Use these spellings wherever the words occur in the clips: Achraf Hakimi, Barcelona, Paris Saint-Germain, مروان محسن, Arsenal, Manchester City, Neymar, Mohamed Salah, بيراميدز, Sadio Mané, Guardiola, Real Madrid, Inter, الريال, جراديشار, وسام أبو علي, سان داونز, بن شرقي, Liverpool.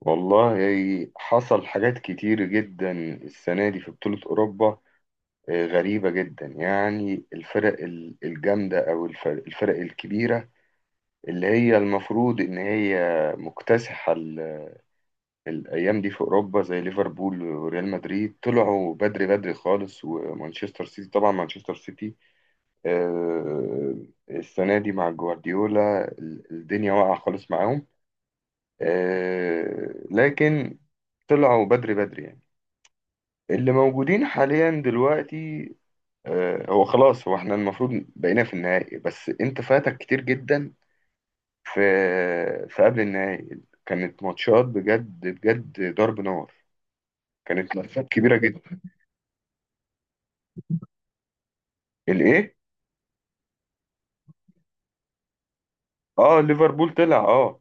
والله حصل حاجات كتير جدا السنة دي في بطولة أوروبا. غريبة جدا يعني الفرق الجامدة، أو الفرق الكبيرة اللي هي المفروض إن هي مكتسحة الأيام دي في أوروبا، زي ليفربول وريال مدريد طلعوا بدري بدري خالص، ومانشستر سيتي طبعا. مانشستر سيتي آه، السنة دي مع جوارديولا الدنيا واقعة خالص معاهم، لكن طلعوا بدري بدري يعني. اللي موجودين حاليا دلوقتي، هو خلاص، هو احنا المفروض بقينا في النهائي، بس انت فاتك كتير جدا، في في قبل النهائي كانت ماتشات بجد بجد، ضرب نار، كانت ماتشات كبيرة جدا. الايه؟ اه، ليفربول طلع اه.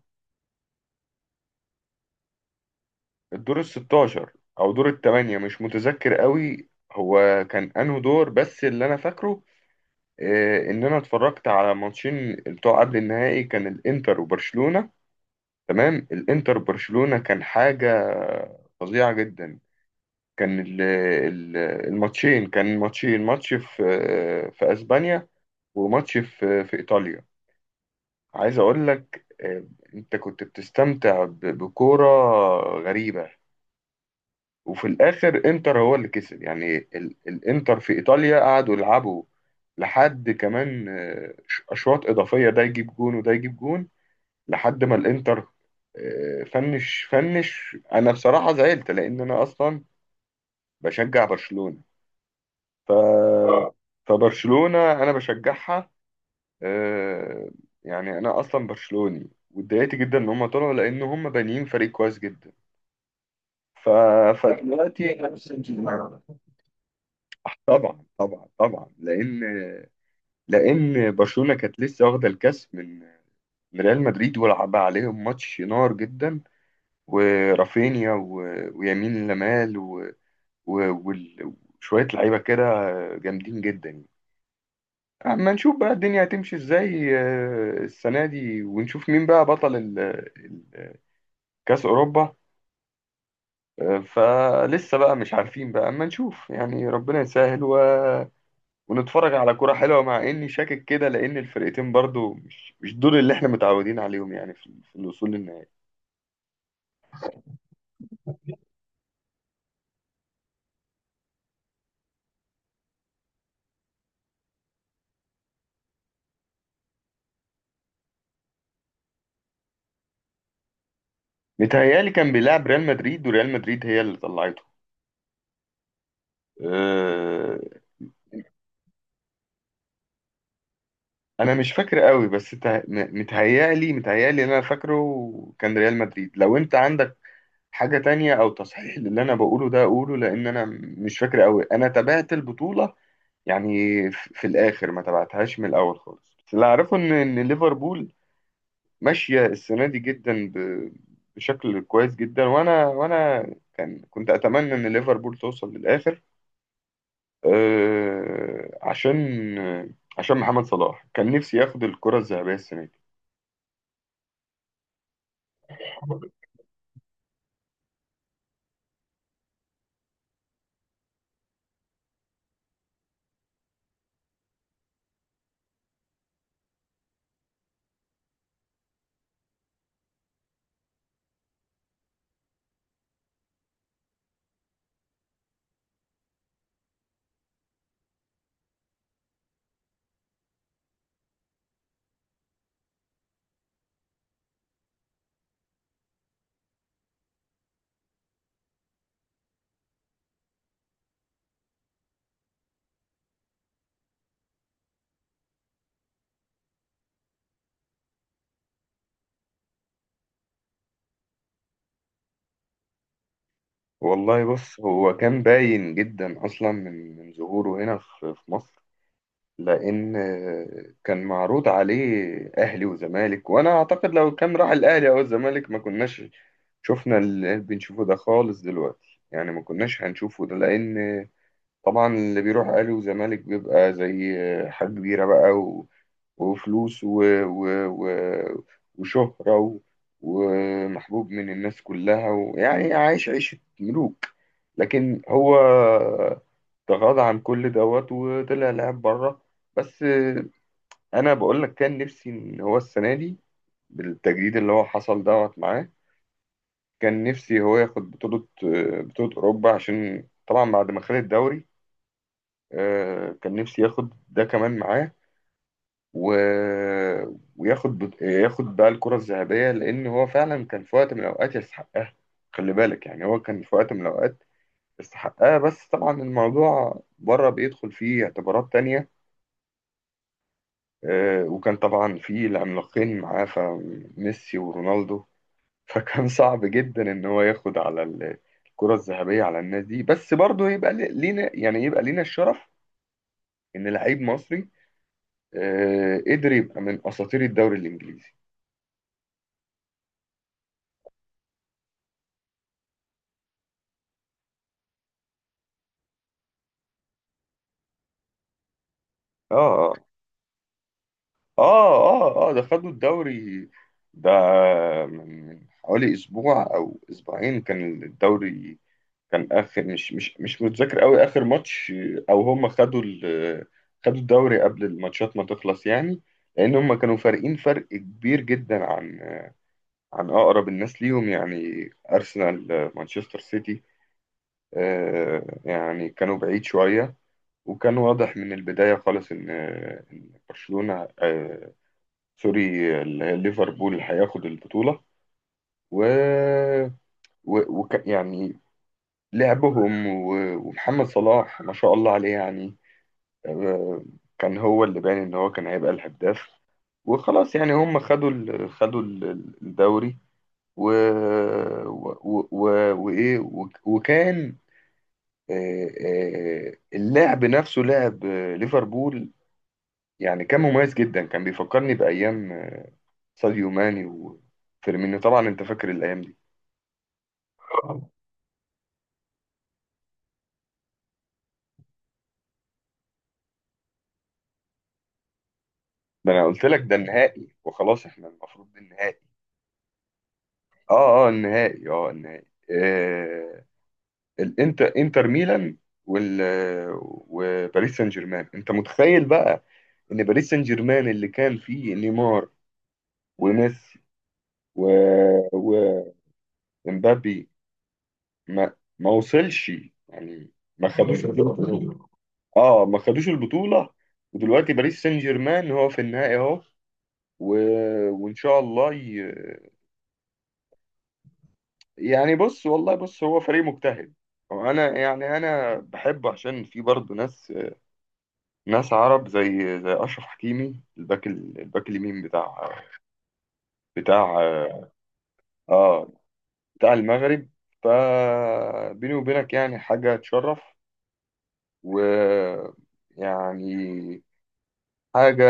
الدور ال 16 او دور الثمانية مش متذكر قوي، هو كان انه دور بس اللي انا فاكره، ان انا اتفرجت على ماتشين بتوع قبل النهائي، كان الانتر وبرشلونة. تمام، الانتر برشلونة كان حاجة فظيعة جدا، كان الماتشين، كان ماتشين، ماتش في اسبانيا وماتش في ايطاليا. عايز اقول لك، انت كنت بتستمتع بكورة غريبة، وفي الاخر انتر هو اللي كسب، يعني الانتر في ايطاليا قعدوا يلعبوا لحد كمان، اشواط اضافية، ده يجيب جون وده يجيب جون، لحد ما الانتر فنش. انا بصراحه زعلت، لان انا اصلا بشجع برشلونه، ف اه فبرشلونه انا بشجعها، آه، يعني انا اصلا برشلوني، واتضايقت جدا ان هم طلعوا، لان هم بانيين فريق كويس جدا. ف... فدلوقتي طبعا طبعا طبعا، لان برشلونه كانت لسه واخده الكاس من ريال مدريد، ولعب عليهم ماتش نار جدا، ورافينيا، ويمين لمال، و... وال- وشوية لعيبة كده جامدين جدا يعني. أما نشوف بقى الدنيا هتمشي ازاي السنة دي، ونشوف مين بقى بطل ال- كأس أوروبا. فلسه بقى مش عارفين بقى، أما نشوف يعني، ربنا يسهل ونتفرج على كرة حلوة، مع إني شاكك كده، لأن الفرقتين برضو مش دول اللي إحنا متعودين عليهم، يعني في الوصول للنهائي. متهيألي كان بيلعب ريال مدريد، وريال مدريد هي اللي طلعته، آه، انا مش فاكر قوي، بس متهيألي اللي انا فاكره كان ريال مدريد. لو انت عندك حاجة تانية او تصحيح للي انا بقوله ده اقوله، لان انا مش فاكر قوي، انا تابعت البطولة يعني، في الاخر ما تابعتهاش من الاول خالص، بس اللي اعرفه ان ليفربول ماشية السنة دي جدا بشكل كويس جدا، وانا كنت اتمنى ان ليفربول توصل للاخر، عشان محمد صلاح كان نفسي ياخد الكرة الذهبية السنة دي. والله بص، هو كان باين جدا اصلا من ظهوره هنا في مصر، لان كان معروض عليه اهلي وزمالك، وانا اعتقد لو كان راح الاهلي او الزمالك ما كناش شفنا اللي بنشوفه ده خالص دلوقتي، يعني ما كناش هنشوفه ده، لان طبعا اللي بيروح اهلي وزمالك بيبقى زي حاجة كبيرة بقى، وفلوس، وشهرة، ومحبوب من الناس كلها، ويعني عايش عيشة ملوك. لكن هو تغاضى عن كل دوت، وطلع لعب بره. بس انا بقول لك كان نفسي ان هو السنة دي بالتجديد اللي هو حصل دوت معاه، كان نفسي هو ياخد بطولة أوروبا، عشان طبعا بعد ما خد الدوري، كان نفسي ياخد ده كمان معاه، و... وياخد بقى الكرة الذهبية، لأن هو فعلا كان في وقت من الأوقات يستحقها. خلي بالك يعني، هو كان في وقت من الأوقات يستحقها، بس طبعا الموضوع بره بيدخل فيه اعتبارات تانية، وكان طبعا فيه العملاقين معاه، فميسي ورونالدو، فكان صعب جدا إن هو ياخد على الكرة الذهبية على الناس دي، بس برضه يبقى لينا يعني، يبقى لينا الشرف إن لعيب مصري قدر يبقى من اساطير الدوري الانجليزي. اه، اه، اه، اه، ده خدوا الدوري ده من حوالي اسبوع او اسبوعين، كان الدوري كان اخر، مش متذكر قوي اخر ماتش، او هم خدوا خدوا الدوري قبل الماتشات ما تخلص يعني، لان هم كانوا فارقين فرق كبير جدا عن اقرب الناس ليهم، يعني ارسنال، مانشستر سيتي، يعني كانوا بعيد شوية. وكان واضح من البداية خالص إن برشلونة، سوري، ليفربول هياخد البطولة، و, يعني لعبهم، ومحمد صلاح ما شاء الله عليه، يعني آه، كان هو اللي باين إن هو كان هيبقى الهداف، وخلاص يعني هم خدوا خدوا الدوري، و... و... و... وإيه، وكان اللعب نفسه، لعب ليفربول يعني، كان مميز جدا، كان بيفكرني بأيام ساديو ماني وفيرمينيو، طبعا أنت فاكر الأيام دي. ده أنا قلت لك ده النهائي وخلاص، إحنا المفروض ده النهائي. أه، أه، النهائي، أه، النهائي، آه الإنتر، إنتر ميلان، وال وباريس سان جيرمان. أنت متخيل بقى إن باريس سان جيرمان اللي كان فيه نيمار وميسي، و... ومبابي، ما وصلش يعني. ما خدوش، اه ما خدوش البطولة، ودلوقتي باريس سان جيرمان هو في النهائي اهو، و... وان شاء الله ي... يعني بص، والله بص، هو فريق مجتهد. انا يعني انا بحبه عشان في برضه ناس، عرب زي اشرف حكيمي، الباك، الباك اليمين بتاع بتاع اه بتاع المغرب. فبيني وبينك يعني حاجة تشرف، و يعني حاجة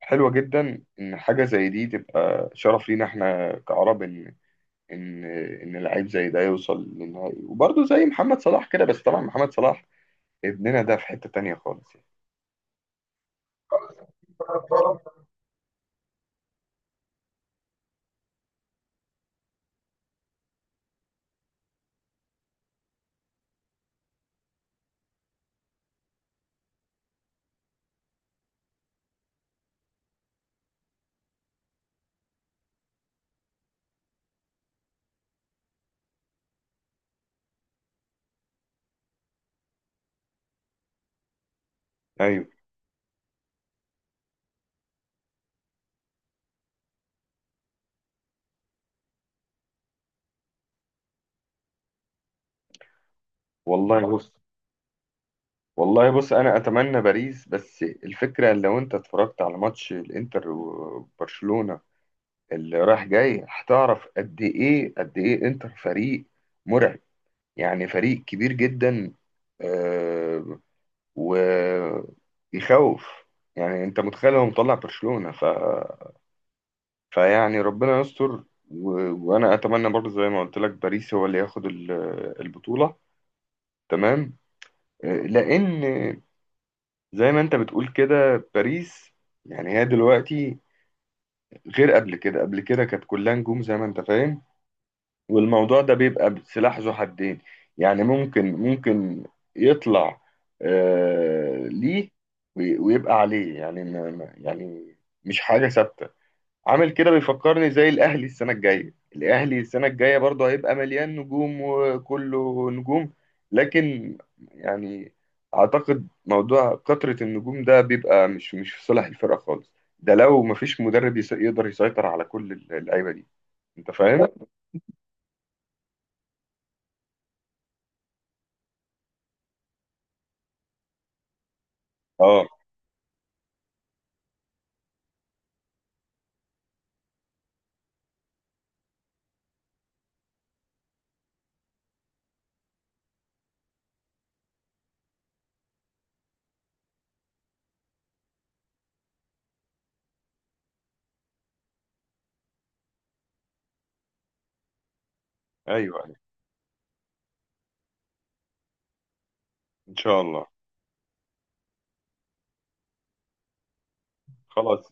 حلوة جدا إن حاجة زي دي تبقى شرف لينا إحنا كعرب، إن إن لعيب زي ده يوصل للنهائي، وبرضه زي محمد صلاح كده، بس طبعا محمد صلاح ابننا ده في حتة تانية خالص يعني. أيوه. والله بص، والله بص، أنا أتمنى باريس، بس الفكرة لو أنت اتفرجت على ماتش الإنتر وبرشلونة اللي رايح جاي، هتعرف قد إيه قد إيه إنتر فريق مرعب، يعني فريق كبير جدا، آه، ويخوف. يعني انت متخيل هو مطلع برشلونة؟ فيعني ربنا يستر، و... وانا اتمنى برضه زي ما قلت لك، باريس هو اللي ياخد البطولة، تمام، لان زي ما انت بتقول كده، باريس يعني هي دلوقتي غير قبل كده، قبل كده كانت كلها نجوم زي ما انت فاهم، والموضوع ده بيبقى سلاح ذو حدين، يعني ممكن يطلع ليه، ويبقى عليه، يعني يعني مش حاجة ثابتة. عامل كده بيفكرني زي الأهلي، السنة الجاية الأهلي السنة الجاية برضه هيبقى مليان نجوم وكله نجوم، لكن يعني أعتقد موضوع كثرة النجوم ده بيبقى مش في صالح الفرقة خالص، ده لو مفيش مدرب يقدر يسيطر على كل اللعيبة دي، أنت فاهم؟ اه، ايوه، ان شاء الله. خلاص،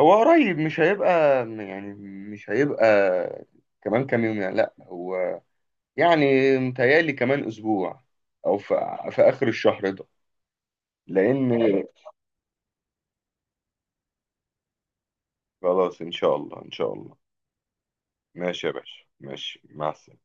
هو قريب، مش هيبقى يعني مش هيبقى كمان كام يوم يعني، لا هو يعني متهيألي كمان اسبوع، او في اخر الشهر ده لان. خلاص، ان شاء الله، ان شاء الله. ماشي يا باشا، ماشي، مع السلامة.